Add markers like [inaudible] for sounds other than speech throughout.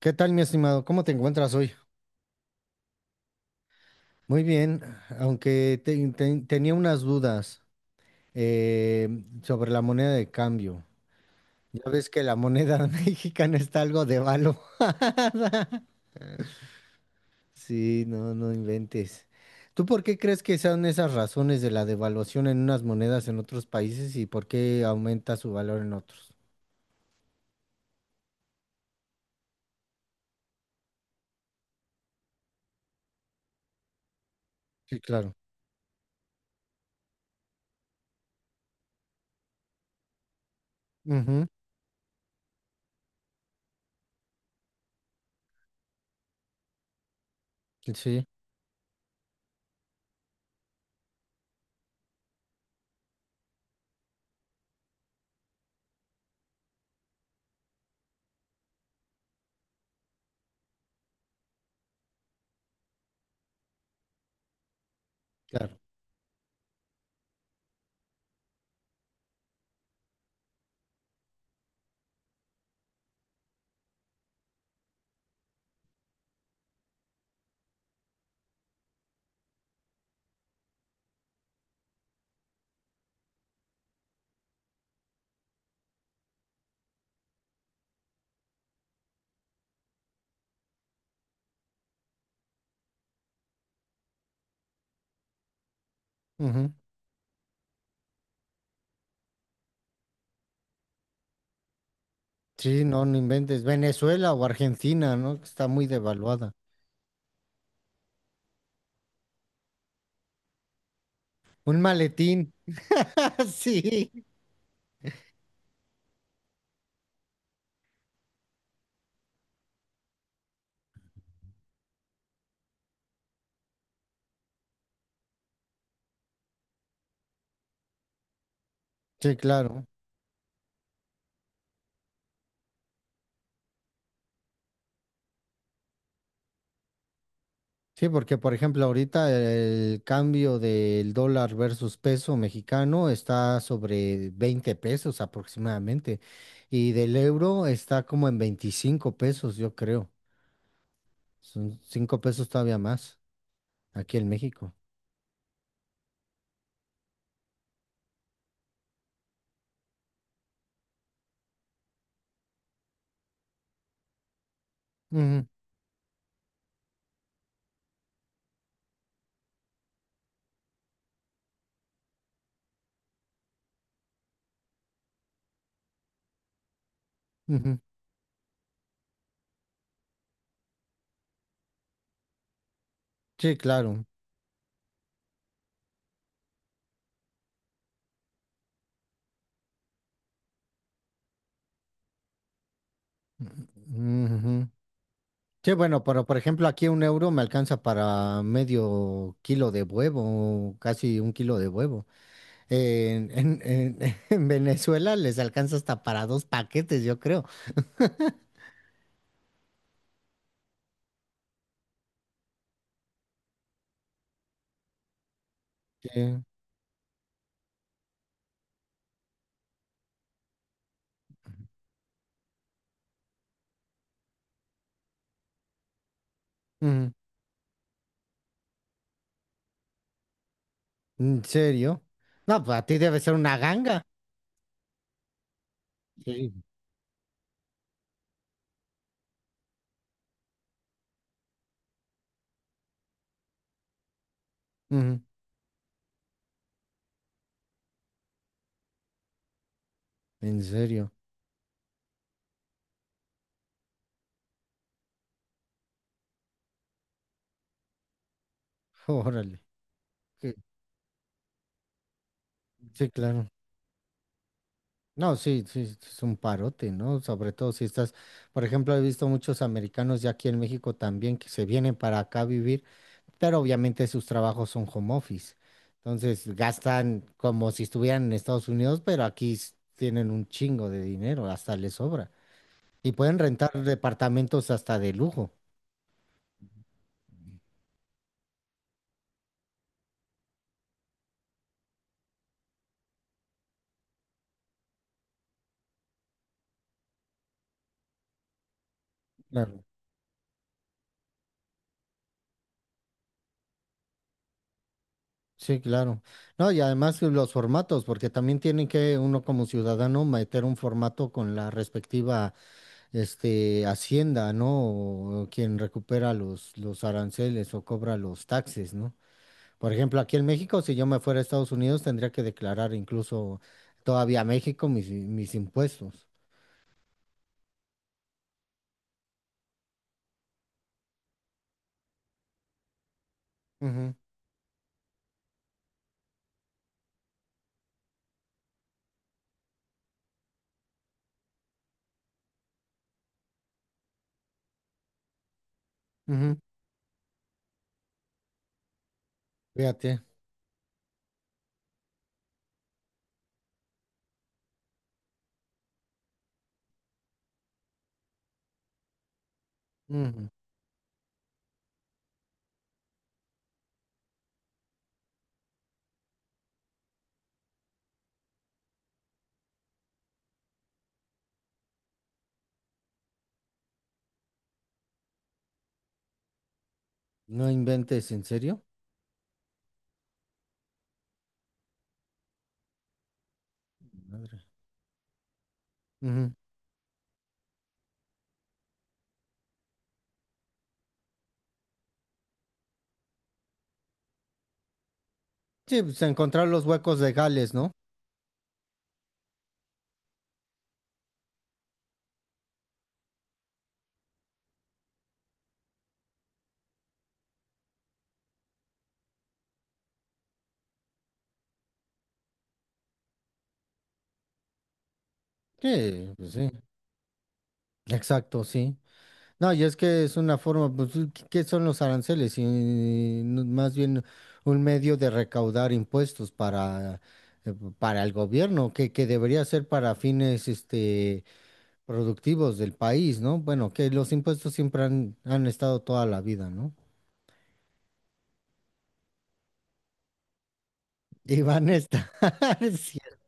¿Qué tal, mi estimado? ¿Cómo te encuentras hoy? Muy bien, aunque tenía unas dudas eh, sobre la moneda de cambio. Ya ves que la moneda [laughs] mexicana está algo de valo. Sí, no, no inventes. ¿Tú por qué crees que sean esas razones de la devaluación en unas monedas en otros países y por qué aumenta su valor en otros? Sí, claro. Ujú. Sí, claro. Ujú. Sí, no, no inventes. ¿Venezuela o Argentina, no? Que está muy devaluada. Un maletín. [laughs] Sí, sí, claro. Sí, porque por ejemplo ahorita el cambio del dólar versus peso mexicano está sobre 20 pesos aproximadamente, y del euro está como en 25 pesos, yo creo. Son 5 pesos todavía más aquí en México. Ujú, ujú. Sí, claro. Ujú. Sí, bueno, pero por ejemplo aquí un euro me alcanza para medio kilo de huevo, casi un kilo de huevo. En, en- en- [laughs] en Venezuela les alcanza hasta para dos paquetes, yo creo. Sí. Ujú. ¿En serio? No, pues a ti debe ser una ganga. Sí. Ujú. ¿En serio? Órale. Sí, sí, claro. No, sí, sí, sí, es un parote, ¿no? Sobre todo si estás, por ejemplo, he visto muchos americanos ya aquí en México también que se vienen para acá a vivir, pero obviamente sus trabajos son home office. Entonces gastan como si estuvieran en Estados Unidos, pero aquí tienen un chingo de dinero, hasta les sobra. Y pueden rentar departamentos hasta de lujo. Claro. Sí, claro. No, y además los formatos, porque también tienen que uno como ciudadano meter un formato con la respectiva, este, hacienda, ¿no? O quien recupera los aranceles o cobra los taxes, ¿no? Por ejemplo, aquí en México, si yo me fuera a Estados Unidos, tendría que declarar incluso todavía a México mis impuestos. Ujú, ujú. Fíjate. Ujú. No inventes, ¿en serio? Madre. Ujú. Sí, pues encontrar los huecos legales, ¿no? Sí, pues sí. Exacto, sí. No, y es que es una forma, pues, ¿qué qué son los aranceles? Y, no- más bien un medio de recaudar impuestos para el gobierno, que debería ser para fines, este, productivos del país, ¿no? Bueno, que los impuestos siempre han estado toda la vida, ¿no? Y van a estar, [laughs] es cierto.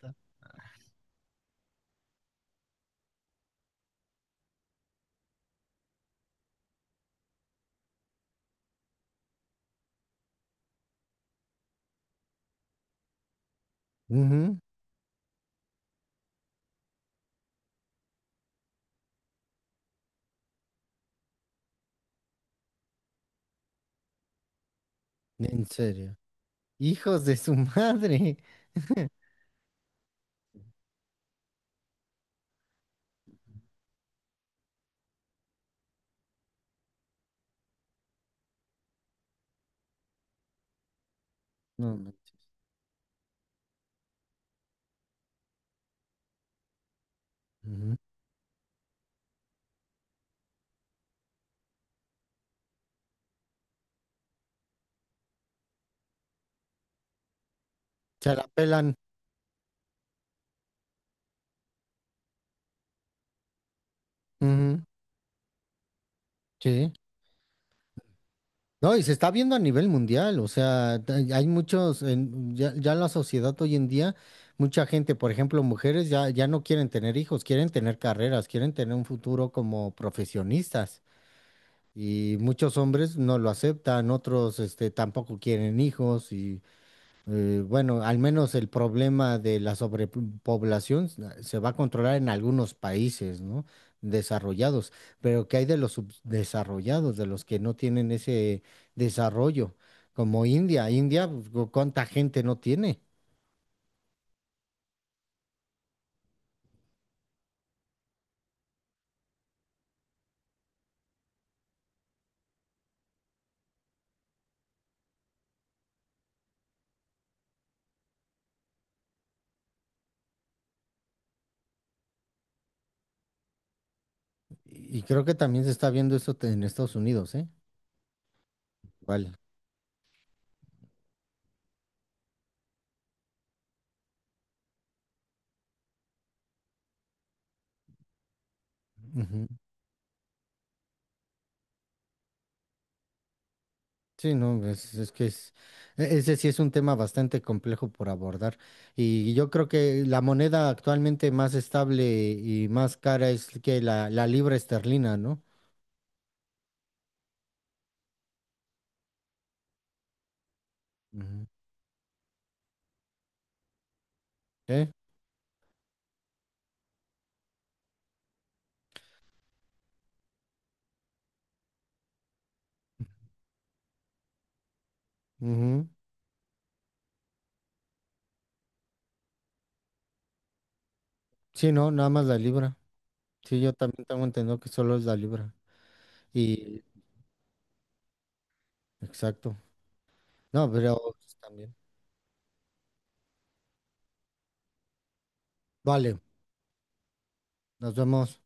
Ujú. En serio. Hijos de su madre. No, no, ujú. Se la pelan. Ujú. Sí. No, y se está viendo a nivel mundial, o sea, hay muchos, ya, ya la sociedad hoy en día, mucha gente, por ejemplo, mujeres ya, ya no quieren tener hijos, quieren tener carreras, quieren tener un futuro como profesionistas. Y muchos hombres no lo aceptan, otros este, tampoco quieren hijos y bueno, al menos el problema de la sobrepoblación se va a controlar en algunos países, ¿no? Desarrollados, pero ¿qué hay de los subdesarrollados, de los que no tienen ese desarrollo? Como India, India, ¿cuánta gente no tiene? Y creo que también se está viendo eso en Estados Unidos, ¿eh? Igual. Sí, no, es que es, ese sí es un tema bastante complejo por abordar. Y yo creo que la moneda actualmente más estable y más cara es que la libra esterlina, ¿no? Ujú. ¿Eh? Ujú. Sí, no, nada más la libra. Sí, yo también tengo entendido que solo es la libra. Y, exacto. No, pero también. Vale, nos vemos.